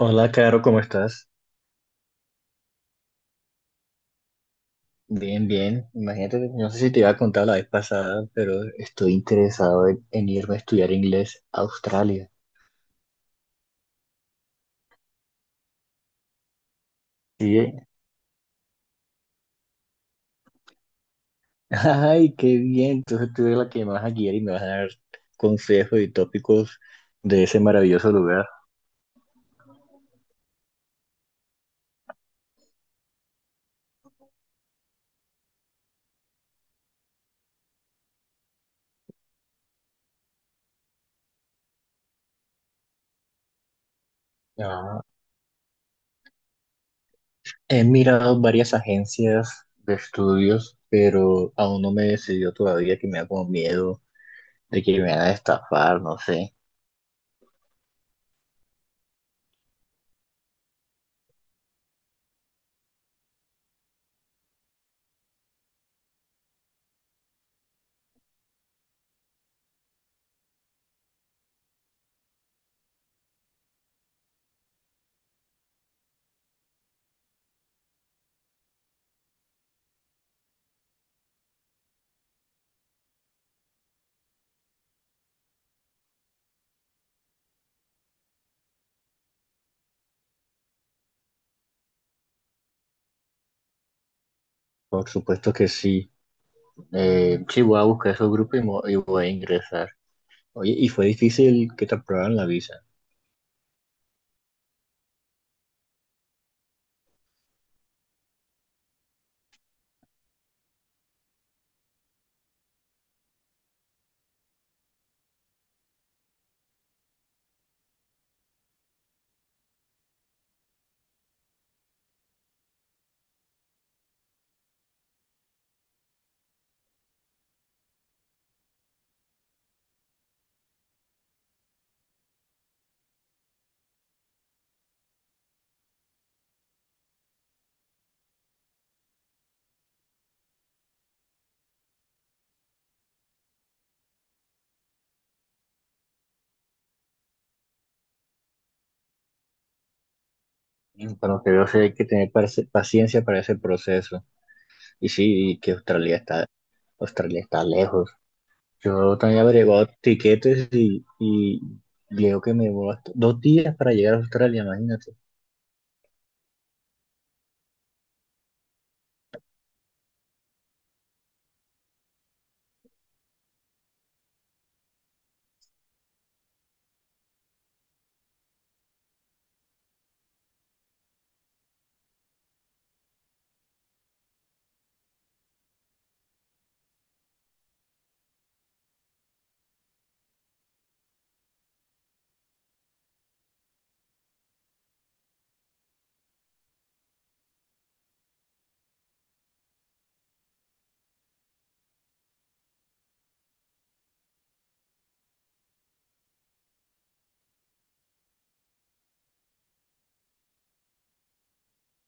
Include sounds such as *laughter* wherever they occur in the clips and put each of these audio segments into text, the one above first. Hola, Caro, ¿cómo estás? Bien, bien. Imagínate, no sé si te iba a contar la vez pasada, pero estoy interesado en irme a estudiar inglés a Australia. Sí. *laughs* Ay, qué bien. Entonces tú eres la que me vas a guiar y me vas a dar consejos y tópicos de ese maravilloso lugar. Ah, He mirado varias agencias de estudios, pero aún no me decidió todavía que me da como miedo de que me van a estafar, no sé. Por supuesto que sí. Sí, voy a buscar esos grupos y, y voy a ingresar. Oye, ¿y fue difícil que te aprobaran la visa? Mm, por lo que veo, sí hay que tener paciencia para ese proceso. Y sí, y que Australia está lejos. Yo también he averiguado tiquetes y creo que me llevó dos días para llegar a Australia, imagínate.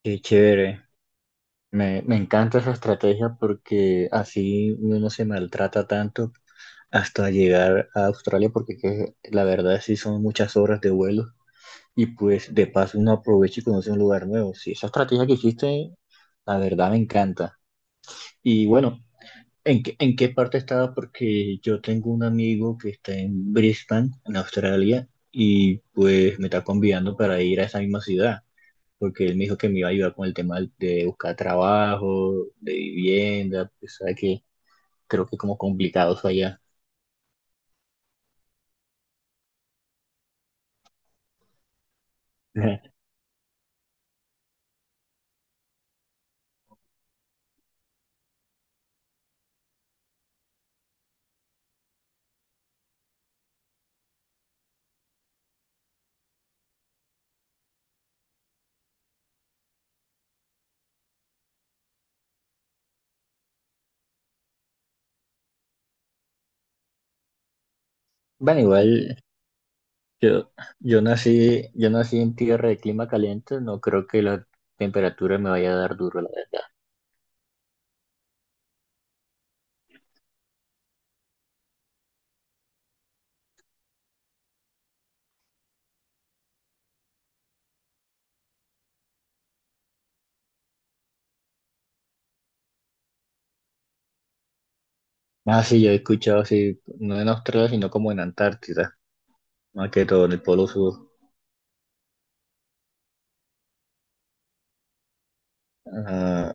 Qué chévere. Me encanta esa estrategia porque así uno no se maltrata tanto hasta llegar a Australia, porque que la verdad sí son muchas horas de vuelo. Y pues de paso uno aprovecha y conoce un lugar nuevo. Sí, esa estrategia que hiciste, la verdad me encanta. Y bueno, ¿en qué parte estaba? Porque yo tengo un amigo que está en Brisbane, en Australia, y pues me está convidando para ir a esa misma ciudad, porque él me dijo que me iba a ayudar con el tema de buscar trabajo, de vivienda, pues sabe que creo que es como complicado eso allá. *laughs* Bueno, igual Yo, yo nací en tierra de clima caliente, no creo que la temperatura me vaya a dar duro, la verdad. Ah, sí, yo he escuchado así, no en Australia, sino como en Antártida, más que todo en el Polo Sur. Ah,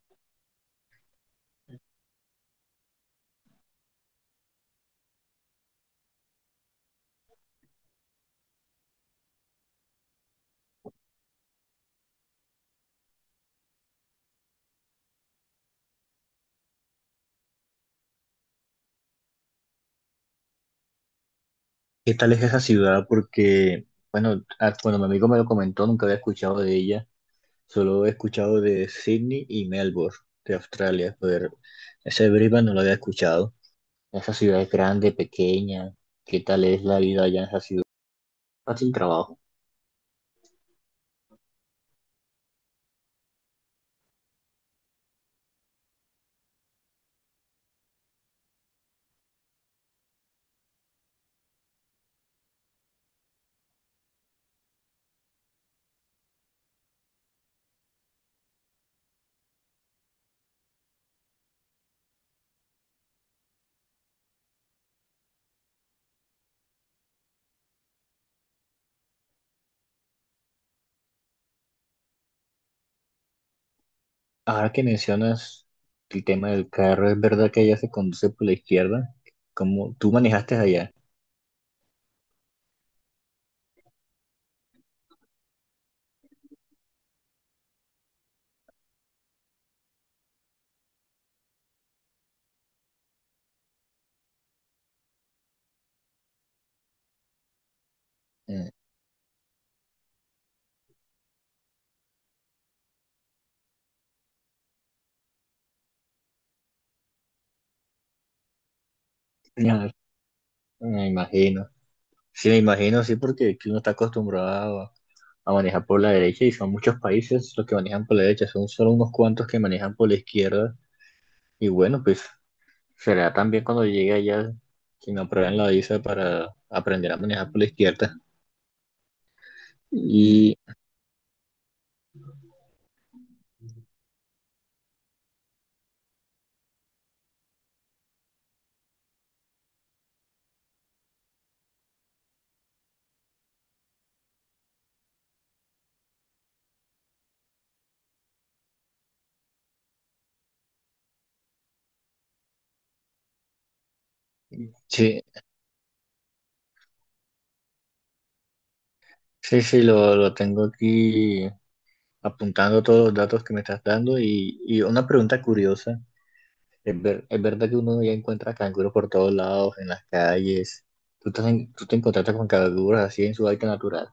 ¿Qué tal es esa ciudad? Porque, bueno, cuando mi amigo me lo comentó, nunca había escuchado de ella, solo he escuchado de Sydney y Melbourne, de Australia, pero ese Brisbane no lo había escuchado. ¿Esa ciudad es grande, pequeña, qué tal es la vida allá en esa ciudad? Fácil trabajo. Ahora que mencionas el tema del carro, ¿es verdad que allá se conduce por la izquierda? ¿Cómo tú manejaste allá? Eh, ya, *laughs* me imagino. Sí, me imagino, sí, porque aquí uno está acostumbrado a manejar por la derecha y son muchos países los que manejan por la derecha, son solo unos cuantos que manejan por la izquierda. Y bueno, pues será también cuando llegue allá que me aprueben la visa para aprender a manejar por la izquierda. Y sí, sí, sí, lo tengo aquí apuntando todos los datos que me estás dando y una pregunta curiosa. Es, ¿es verdad que uno ya encuentra canguros por todos lados, en las calles? ¿Tú te encontraste con canguros así en su hábitat natural?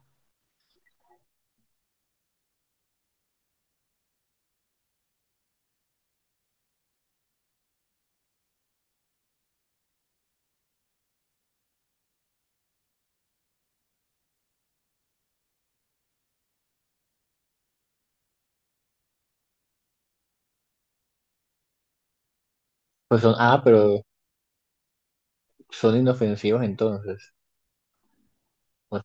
Pues son, ah, pero son inofensivos entonces. Pues,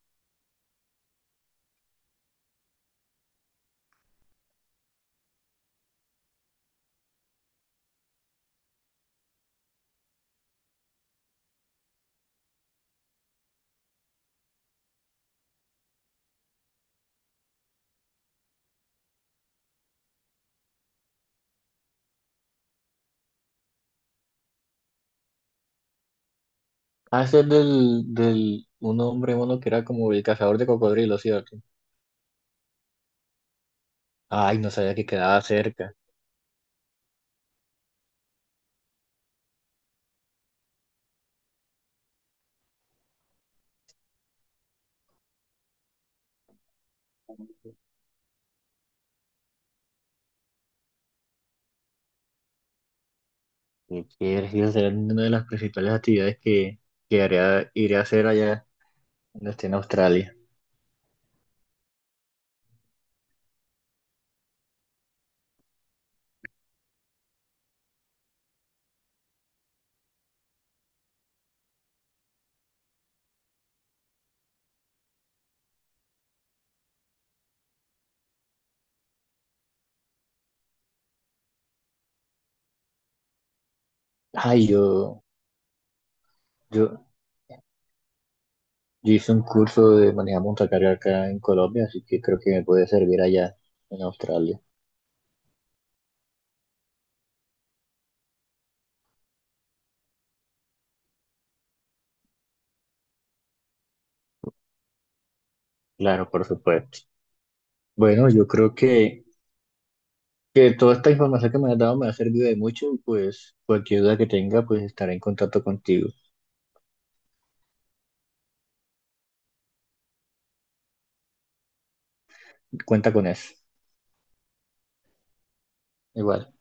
ah, ese es del un hombre mono que era como el cazador de cocodrilos, ¿cierto? Ay, no sabía que quedaba cerca. Qué chévere, sí, esa será una de las principales actividades que iré a hacer allá cuando esté en Australia. Ay, yo, yo, Yo hice un curso de manejo montacarga acá en Colombia, así que creo que me puede servir allá en Australia. Claro, por supuesto. Bueno, yo creo que toda esta información que me has dado me ha servido de mucho y pues cualquier duda que tenga, pues estaré en contacto contigo. Cuenta con eso. Igual.